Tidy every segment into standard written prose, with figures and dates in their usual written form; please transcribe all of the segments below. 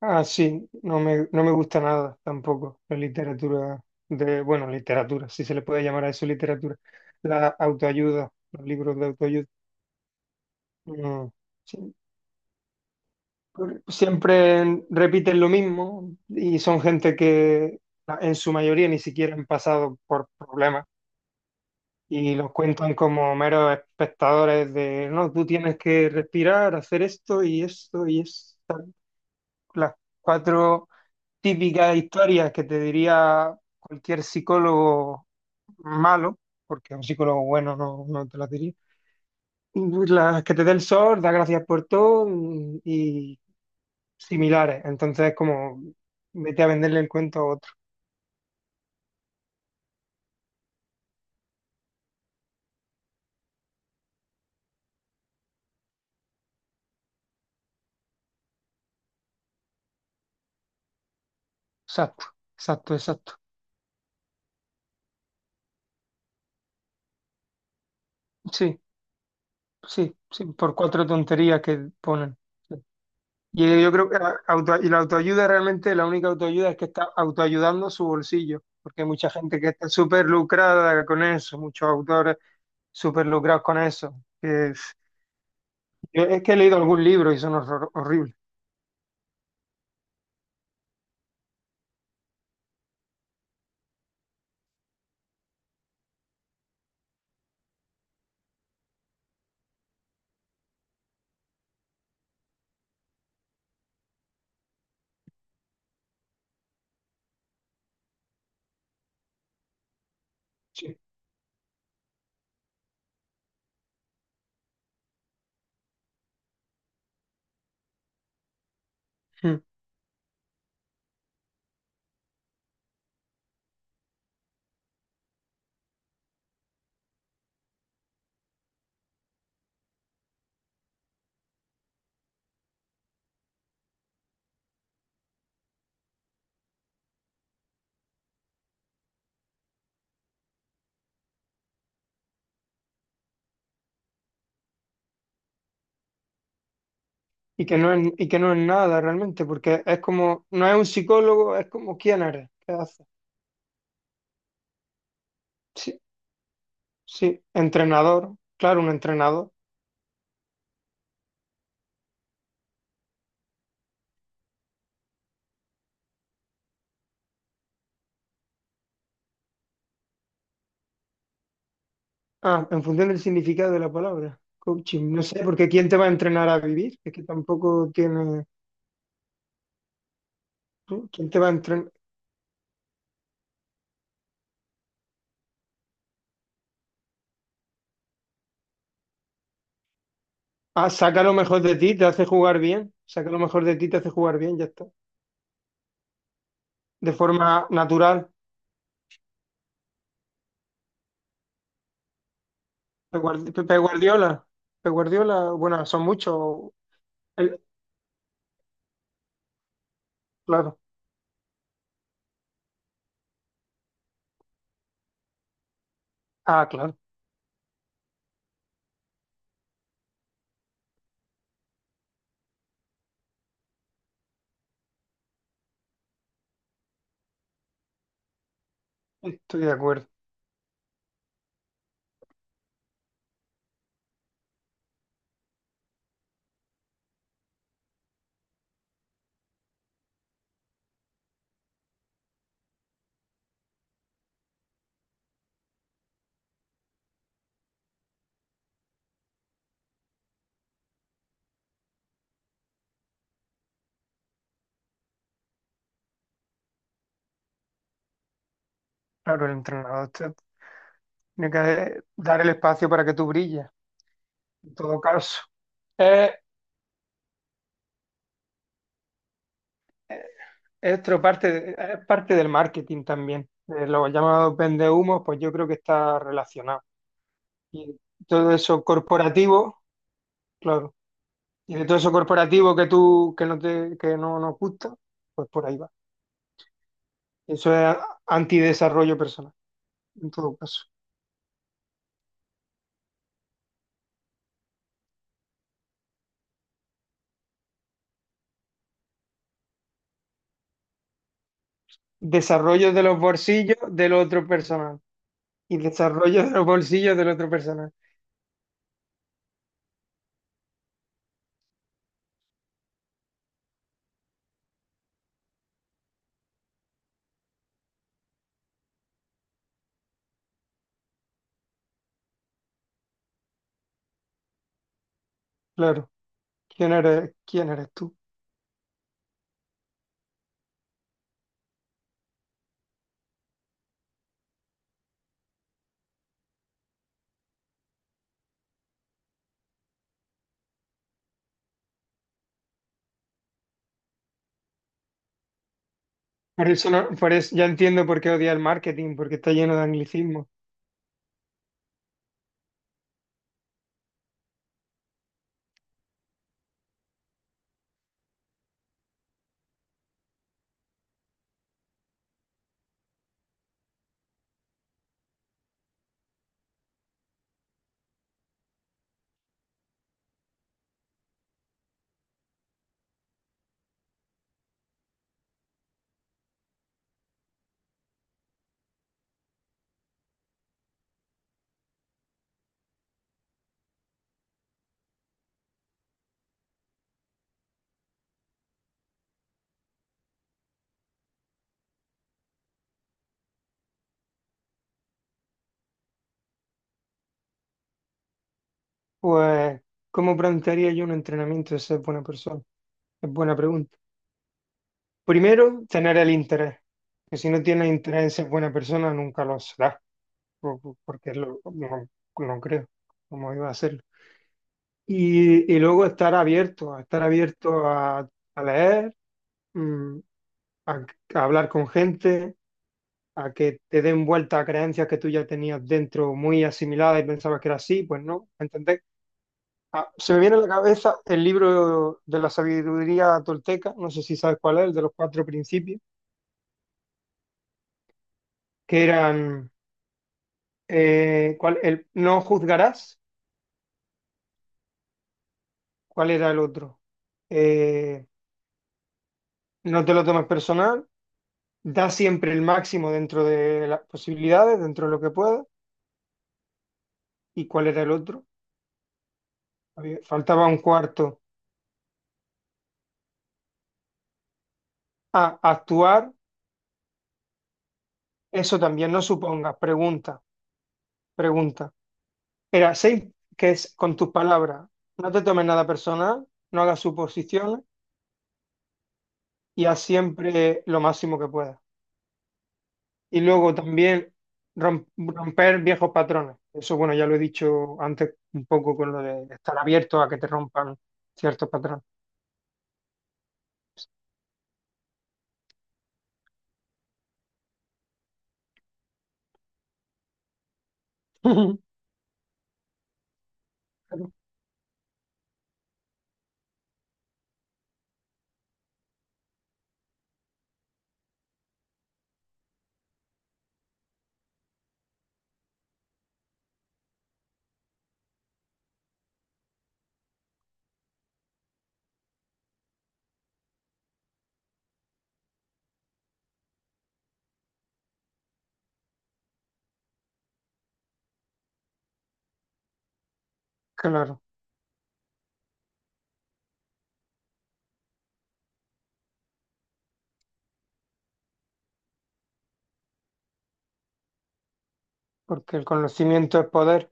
Ah, sí, no me gusta nada tampoco la literatura de, bueno, literatura, si se le puede llamar a eso literatura, la autoayuda, los libros de autoayuda. No, sí, siempre repiten lo mismo y son gente que en su mayoría ni siquiera han pasado por problemas y los cuentan como meros espectadores de, no, tú tienes que respirar, hacer esto y esto y eso. Las cuatro típicas historias que te diría cualquier psicólogo malo, porque un psicólogo bueno no te las diría. Las que te dé el sol, da gracias por todo y similares. Entonces, es como vete a venderle el cuento a otro. Exacto, exacto, exacto. Sí, sí, sí, por cuatro tonterías que ponen. Sí. Y yo creo que la autoayuda realmente, la única autoayuda es que está autoayudando su bolsillo, porque hay mucha gente que está súper lucrada con eso, muchos autores súper lucrados con eso. que Es, yo es que he leído algún libro y son horribles. Sí. Mm. Y que no es, y que no es nada realmente, porque es como, no es un psicólogo, es como, ¿quién eres? ¿Qué haces? Sí, sí, entrenador, claro, un entrenador. Ah, en función del significado de la palabra, coaching. No sé, porque ¿quién te va a entrenar a vivir? Es que tampoco tiene… ¿No? ¿Quién te va a entrenar? Ah, saca lo mejor de ti, te hace jugar bien. Saca lo mejor de ti, te hace jugar bien, ya está. De forma natural. Pep Guardiola. Pep Guardiola, bueno, son muchos. El- Claro. Ah, claro. Estoy de acuerdo. Claro, tiene que dar el espacio para que tú brilles, en todo caso. Eh, Esto parte, es parte del marketing también. Lo llamado vendehumos, pues yo creo que está relacionado. Y todo eso corporativo, claro. Y de todo eso corporativo que tú, que no nos gusta, pues por ahí va. Eso es antidesarrollo personal, en todo caso. Desarrollo de los bolsillos del otro personal. Y desarrollo de los bolsillos del otro personal. Claro. Quién eres tú? Por eso, por eso ya entiendo por qué odia el marketing, porque está lleno de anglicismos. Pues, ¿cómo plantearía yo un entrenamiento de ser buena persona? Es buena pregunta. Primero, tener el interés. Que si no tienes interés en ser buena persona, nunca lo serás. Porque lo, no, no creo cómo iba a hacerlo. Y luego estar abierto a leer, mm, a, a hablar con gente, a que te den vuelta a creencias que tú ya tenías dentro muy asimiladas y pensabas que era así, pues no, ¿entendés? Ah, se me viene a la cabeza el libro de la sabiduría tolteca, no sé si sabes cuál es, el de los cuatro principios, que eran, cuál, el, no juzgarás, ¿cuál era el otro? Eh, no te lo tomes personal, da siempre el máximo dentro de las posibilidades, dentro de lo que puedas, ¿y cuál era el otro? Faltaba un cuarto. Ah, actuar, eso también, no supongas, pregunta. Era seis, que es con tus palabras, no te tomes nada personal, no hagas suposiciones y haz siempre lo máximo que puedas. Y luego también romper viejos patrones. Eso, bueno, ya lo he dicho antes un poco con lo de estar abierto a que te rompan ciertos patrones. Claro, porque el conocimiento es poder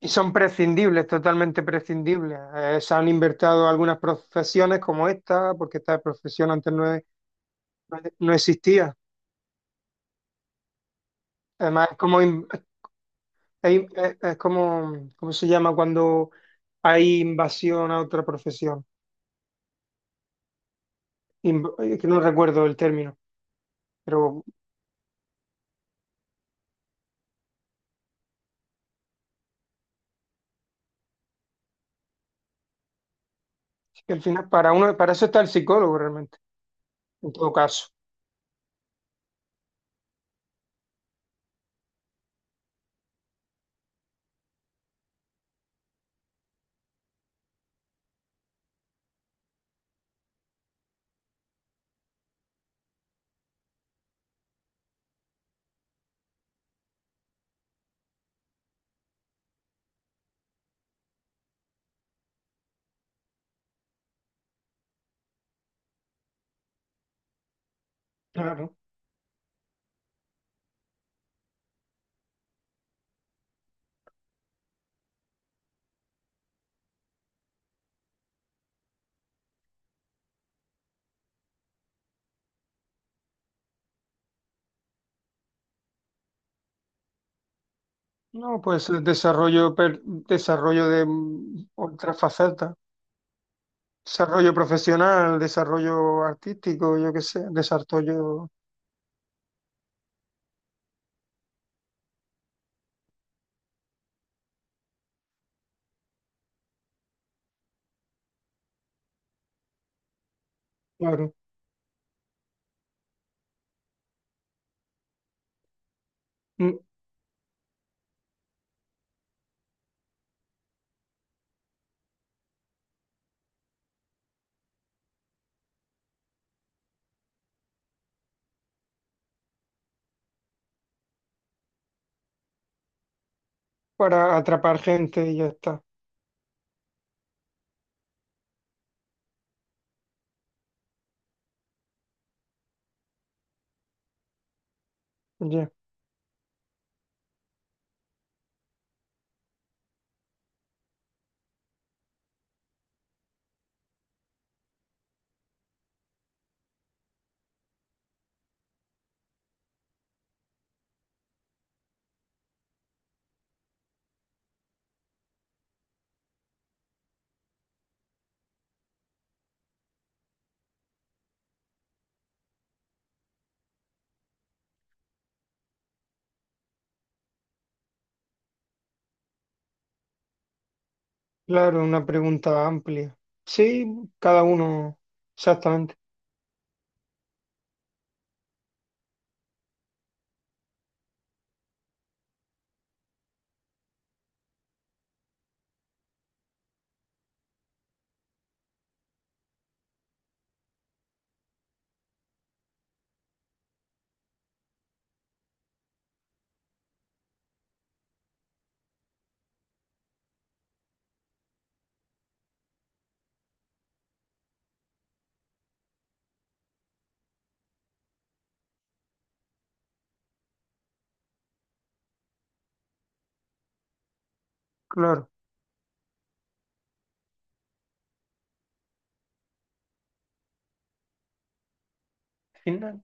y son prescindibles, totalmente prescindibles. Se han invertido algunas profesiones como esta, porque esta profesión antes no, no existía. Además, es como, ¿cómo se llama cuando hay invasión a otra profesión? Que no recuerdo el término, pero al final para uno, para eso está el psicólogo realmente, en todo caso. Claro. No, pues el desarrollo, desarrollo de otras facetas, desarrollo profesional, desarrollo artístico, yo qué sé, desarrollo. Claro. mm, para atrapar gente y ya está. Ya. Claro, una pregunta amplia. Sí, cada uno, exactamente. Claro, final,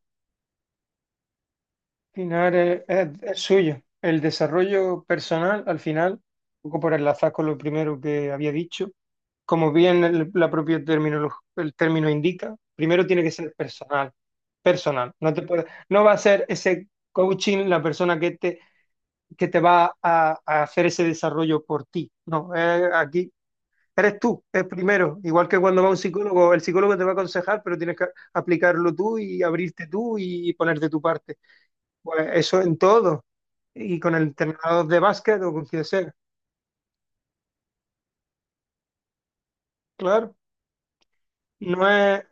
es suyo. El desarrollo personal, al final, un poco por enlazar con lo primero que había dicho, como bien el, la propia el término indica, primero tiene que ser personal, personal. No va a ser ese coaching la persona que te va a hacer ese desarrollo por ti. No, es aquí eres tú, es primero. Igual que cuando va un psicólogo, el psicólogo te va a aconsejar, pero tienes que aplicarlo tú y abrirte tú y poner de tu parte. Pues eso en todo. Y con el entrenador de básquet o con quien sea. Claro. No es,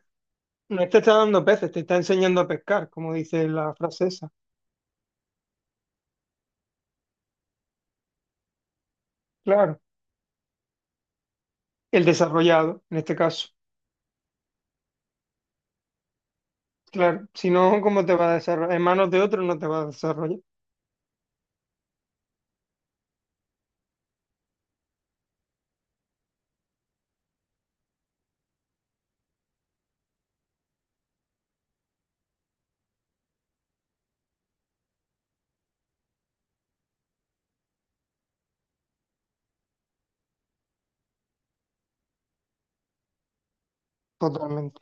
no te está dando peces, te está enseñando a pescar, como dice la frase esa. Claro. El desarrollado, en este caso. Claro. Si no, ¿cómo te va a desarrollar? En manos de otro no te va a desarrollar. Totalmente.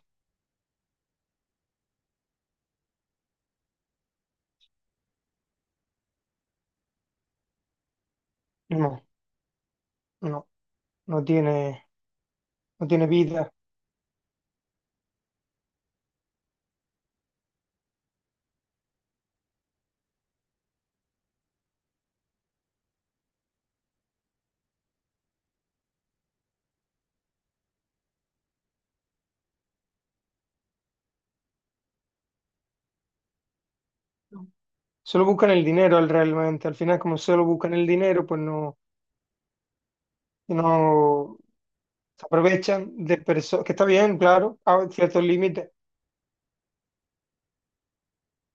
No, no. No tiene, no tiene vida. Solo buscan el dinero realmente. Al final, como solo buscan el dinero, pues no. No, se aprovechan de personas, que está bien, claro, a ciertos límites,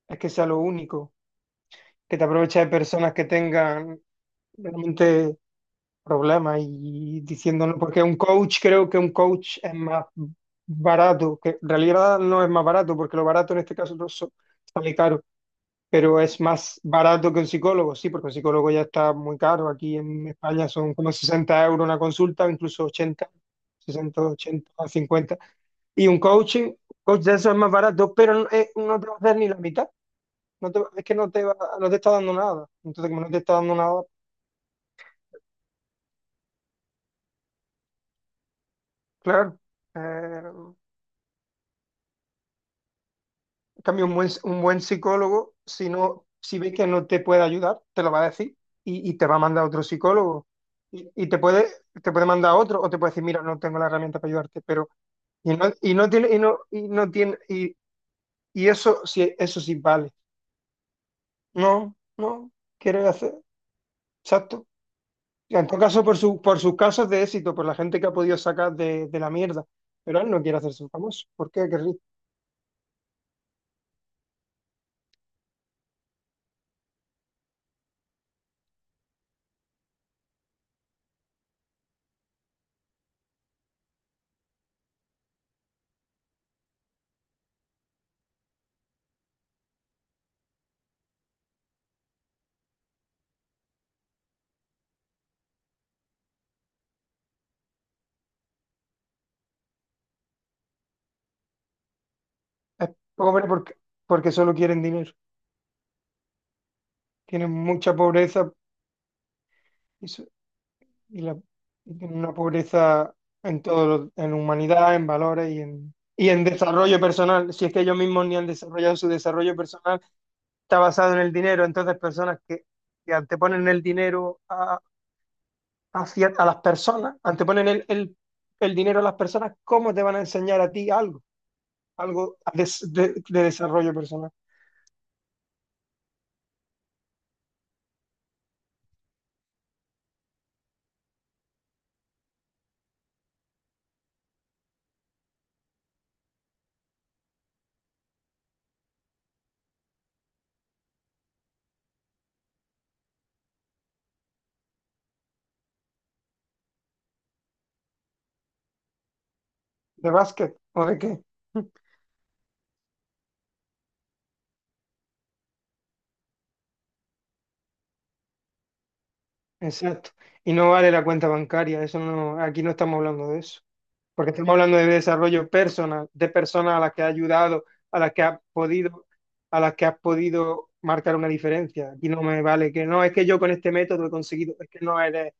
es que sea lo único. Que te aprovechas de personas que tengan realmente problemas y diciéndonos, porque un coach, creo que un coach es más barato, que en realidad no es más barato, porque lo barato en este caso no so- sale caro, pero es más barato que un psicólogo, sí, porque un psicólogo ya está muy caro, aquí en España son como 60 euros una consulta, incluso ochenta, sesenta, ochenta, cincuenta. Y un coaching, coach de eso es más barato, pero no, no te va a hacer ni la mitad. Es que no te va, no te está dando nada. Entonces, como no te está dando nada, claro. eh, en cambio, un buen psicólogo, si no, si ve que no te puede ayudar, te lo va a decir y te va a mandar a otro psicólogo. Y, y te puede, te puede mandar a otro, o te puede decir, mira, no tengo la herramienta para ayudarte, pero, y no tiene, y eso sí vale. No, no, quiere hacer, exacto. En todo caso, por su, por sus casos de éxito, por la gente que ha podido sacar de la mierda. Pero él no quiere hacerse famoso. ¿Por qué querría? Es pobre porque, porque solo quieren dinero. Tienen mucha pobreza y, so- y la- y tienen una pobreza en todo, en humanidad, en valores y y en desarrollo personal. Si es que ellos mismos ni han desarrollado su desarrollo personal, está basado en el dinero. Entonces, personas que te ponen el dinero hacia a las personas, anteponen el dinero a las personas, ¿cómo te van a enseñar a ti algo? Algo de, de desarrollo personal, de básquet o de qué. Exacto. Y no vale la cuenta bancaria, eso no, aquí no estamos hablando de eso, porque estamos hablando de desarrollo personal, de personas a las que ha ayudado, a las que ha podido, a las que has podido marcar una diferencia. Aquí no me vale que no, es que yo con este método he conseguido, es que no eres,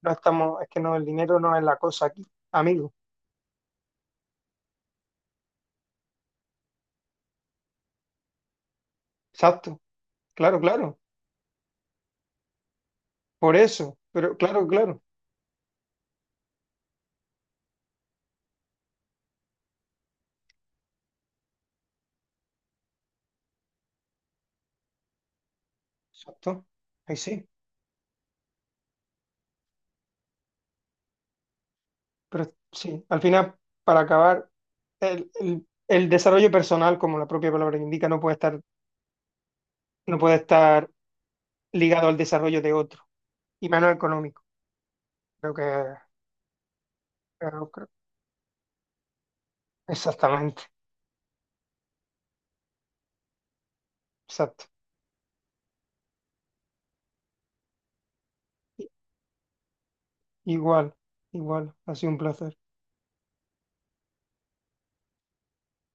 no estamos, es que no, el dinero no es la cosa aquí, amigo. Exacto. Claro, claro, por eso, pero claro, claro, exacto, ahí sí, pero sí, al final, para acabar, el desarrollo personal, como la propia palabra indica, no puede estar, no puede estar ligado al desarrollo de otro, y menos económico, creo que, creo, exactamente, exacto, I- igual, igual, ha sido un placer.